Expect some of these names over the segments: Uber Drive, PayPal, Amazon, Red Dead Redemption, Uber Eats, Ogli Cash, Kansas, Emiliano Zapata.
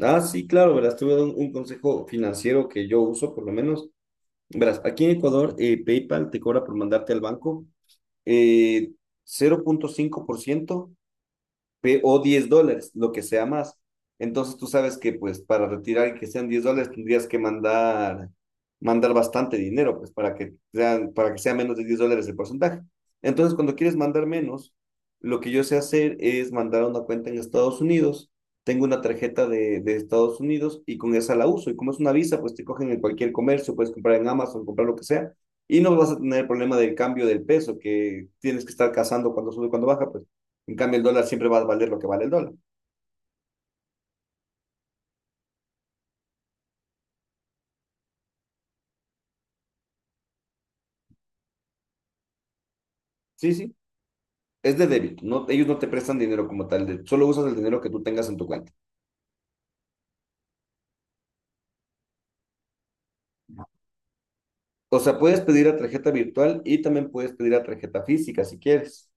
Ah, sí, claro, verás, te voy a dar un consejo financiero que yo uso, por lo menos. Verás, aquí en Ecuador, PayPal te cobra por mandarte al banco eh, 0,5% o $10, lo que sea más. Entonces tú sabes que pues para retirar y que sean $10 tendrías que mandar bastante dinero, pues para que sea menos de $10 el porcentaje. Entonces cuando quieres mandar menos, lo que yo sé hacer es mandar a una cuenta en Estados Unidos. Tengo una tarjeta de Estados Unidos y con esa la uso. Y como es una visa, pues te cogen en cualquier comercio, puedes comprar en Amazon, comprar lo que sea. Y no vas a tener el problema del cambio del peso, que tienes que estar cazando cuando sube, cuando baja, pues en cambio, el dólar siempre va a valer lo que vale el dólar. Sí, sí. Es de débito. No, ellos no te prestan dinero como tal. Solo usas el dinero que tú tengas en tu cuenta. O sea, puedes pedir a tarjeta virtual y también puedes pedir a tarjeta física si quieres.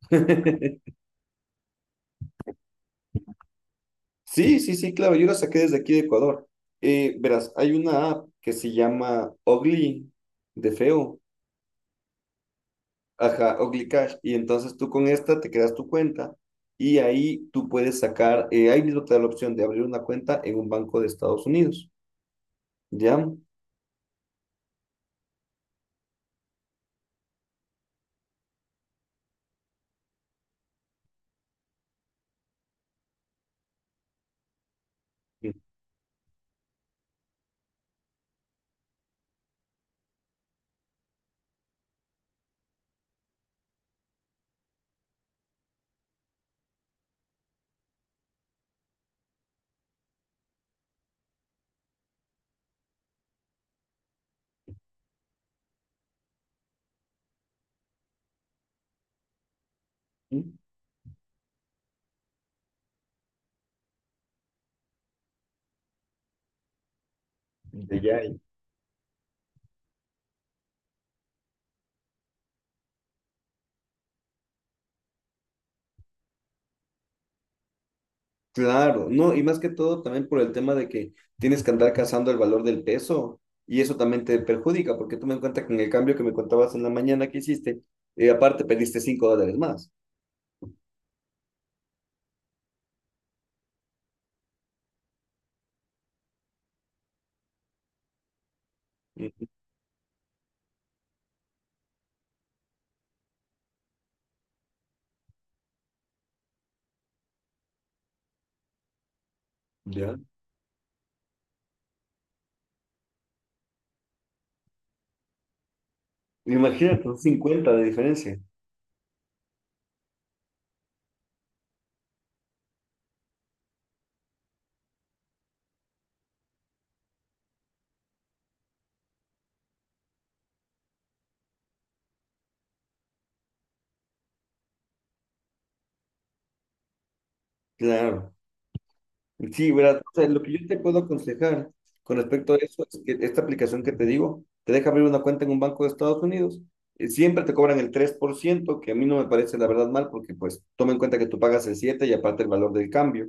Sí, sí, sí, claro. Yo la saqué desde aquí de Ecuador. Verás, hay una app que se llama Ogli, de feo. Ajá, Ogli Cash. Y entonces tú con esta te creas tu cuenta y ahí tú puedes sacar, ahí mismo te da la opción de abrir una cuenta en un banco de Estados Unidos. ¿Ya? Ujú. de ya. y- Claro, no, y más que todo también por el tema de que tienes que andar cazando el valor del peso y eso también te perjudica, porque toma en cuenta que en el cambio que me contabas en la mañana que hiciste, aparte perdiste $5 más. Ujú. Ya. Imagínate, son 50 de diferencia. Claro. Sí, ¿verdad? O sea, lo que yo te puedo aconsejar con respecto a eso es que esta aplicación que te digo te deja abrir una cuenta en un banco de Estados Unidos. Siempre te cobran el 3%, que a mí no me parece la verdad mal, porque pues toma en cuenta que tú pagas el 7 y aparte el valor del cambio.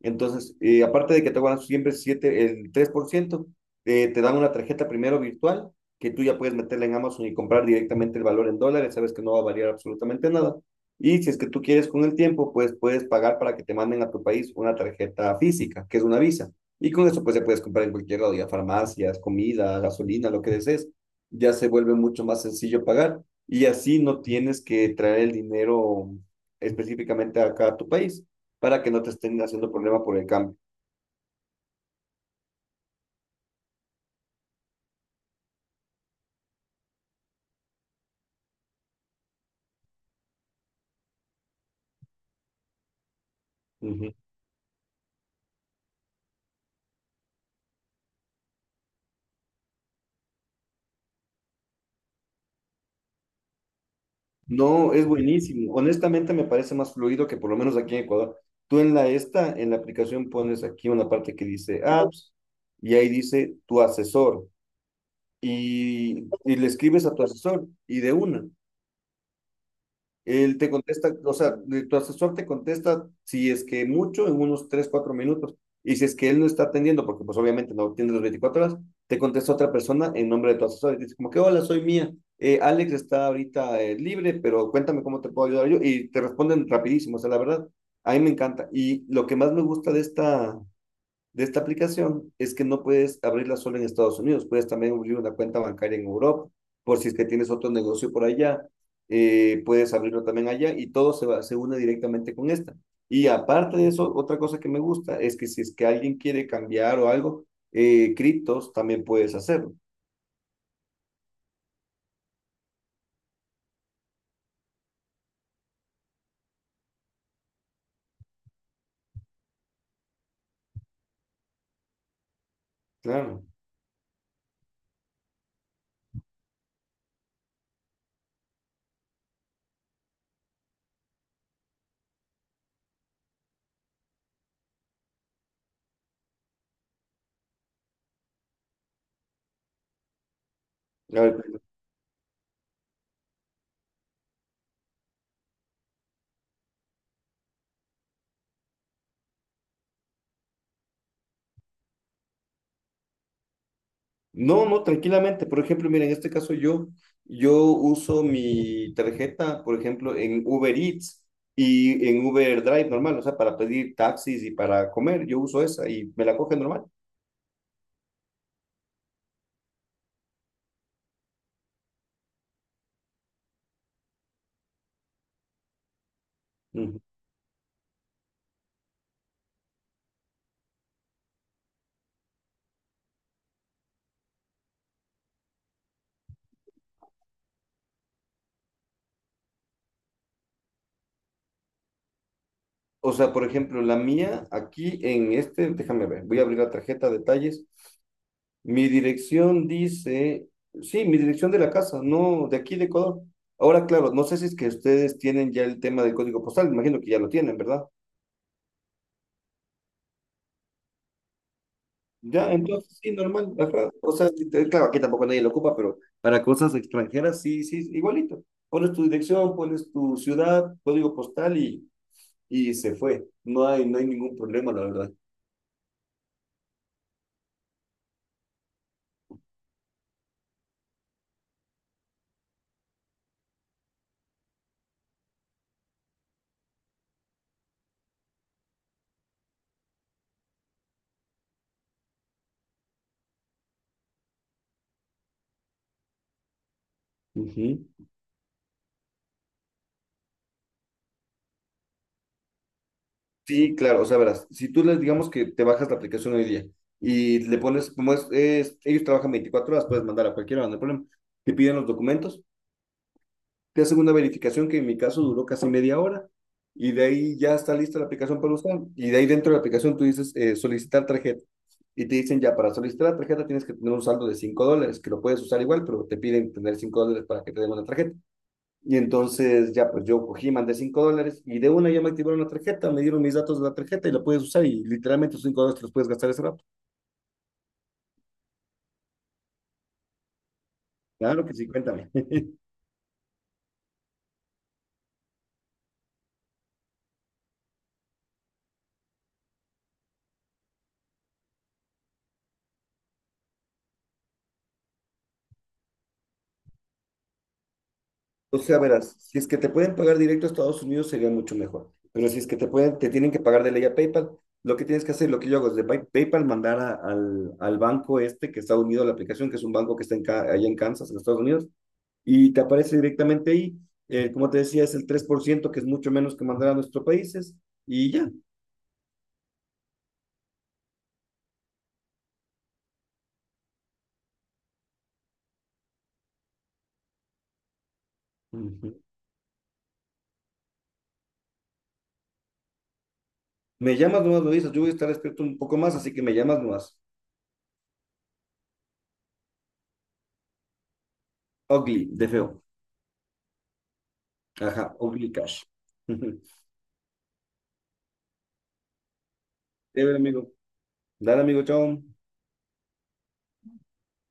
Entonces, aparte de que te van a siempre siete, el 3%, te dan una tarjeta primero virtual que tú ya puedes meterla en Amazon y comprar directamente el valor en dólares, sabes que no va a variar absolutamente nada. Y si es que tú quieres con el tiempo, pues puedes pagar para que te manden a tu país una tarjeta física, que es una visa. Y con eso pues ya puedes comprar en cualquier lado, ya farmacias, comida, gasolina, lo que desees. Ya se vuelve mucho más sencillo pagar y así no tienes que traer el dinero específicamente acá a tu país para que no te estén haciendo problema por el cambio. Ujú. No, es buenísimo. Honestamente me parece más fluido que por lo menos aquí en Ecuador. Tú en en la aplicación pones aquí una parte que dice apps y ahí dice tu asesor y le escribes a tu asesor y de una. Él te contesta, o sea, tu asesor te contesta si es que mucho en unos 3 4 minutos. Y si es que él no está atendiendo, porque pues obviamente no atiende las 24 horas, te contesta otra persona en nombre de tu asesor. Y dice como que, hola, soy Mía. Alex está ahorita libre, pero cuéntame cómo te puedo ayudar yo. Y te responden rapidísimo, o sea, la verdad, a mí me encanta. Y lo que más me gusta de esta aplicación es que no puedes abrirla solo en Estados Unidos, puedes también abrir una cuenta bancaria en Europa, por si es que tienes otro negocio por allá, puedes abrirlo también allá y todo se une directamente con esta. Y aparte de eso, otra cosa que me gusta es que si es que alguien quiere cambiar o algo, criptos también puedes hacerlo. Claro. A ver, no, no, tranquilamente. Por ejemplo, mira, en este caso yo uso mi tarjeta, por ejemplo, en Uber Eats y en Uber Drive normal, o sea, para pedir taxis y para comer, yo uso esa y me la coge normal. Ujú. O sea, por ejemplo, la mía aquí en este, déjame ver, voy a abrir la tarjeta, detalles. Mi dirección dice, sí, mi dirección de la casa, no, de aquí de Ecuador. Ahora, claro, no sé si es que ustedes tienen ya el tema del código postal, me imagino que ya lo tienen, ¿verdad? Ya, entonces sí, normal. Ajá. O sea, sí, claro, aquí tampoco nadie lo ocupa, pero para cosas extranjeras sí, sí, igualito. Pones tu dirección, pones tu ciudad, código postal y se fue. No hay ningún problema, la verdad. Ujú. Sí, claro, o sea, verás, si tú les digamos que te bajas la aplicación hoy día y le pones, ellos trabajan 24 horas, puedes mandar a cualquiera, no hay problema. Te piden los documentos, te hacen una verificación que en mi caso duró casi media hora y de ahí ya está lista la aplicación para usar. Y de ahí dentro de la aplicación tú dices solicitar tarjeta y te dicen ya para solicitar la tarjeta tienes que tener un saldo de $5, que lo puedes usar igual, pero te piden tener $5 para que te den una tarjeta. Y entonces ya pues yo cogí, mandé $5 y de una ya me activaron la tarjeta, me dieron mis datos de la tarjeta y la puedes usar y literalmente esos $5 te los puedes gastar ese rato. Claro que sí, cuéntame. O sea, verás, si es que te pueden pagar directo a Estados Unidos sería mucho mejor. Pero si es que te tienen que pagar de ley a PayPal, lo que tienes que hacer, lo que yo hago es de PayPal mandar al banco este que está unido a la aplicación, que es un banco que está en, allá en Kansas, en Estados Unidos, y te aparece directamente ahí. Como te decía, es el 3% que es mucho menos que mandar a nuestros países, y ya. Ujú. Me llamas nomás, me dices, yo voy a estar despierto un poco más, así que me llamas nomás. Ugly, de feo. Ajá, ugly cash. Ujú. Chévere, amigo. Dale, amigo, chao.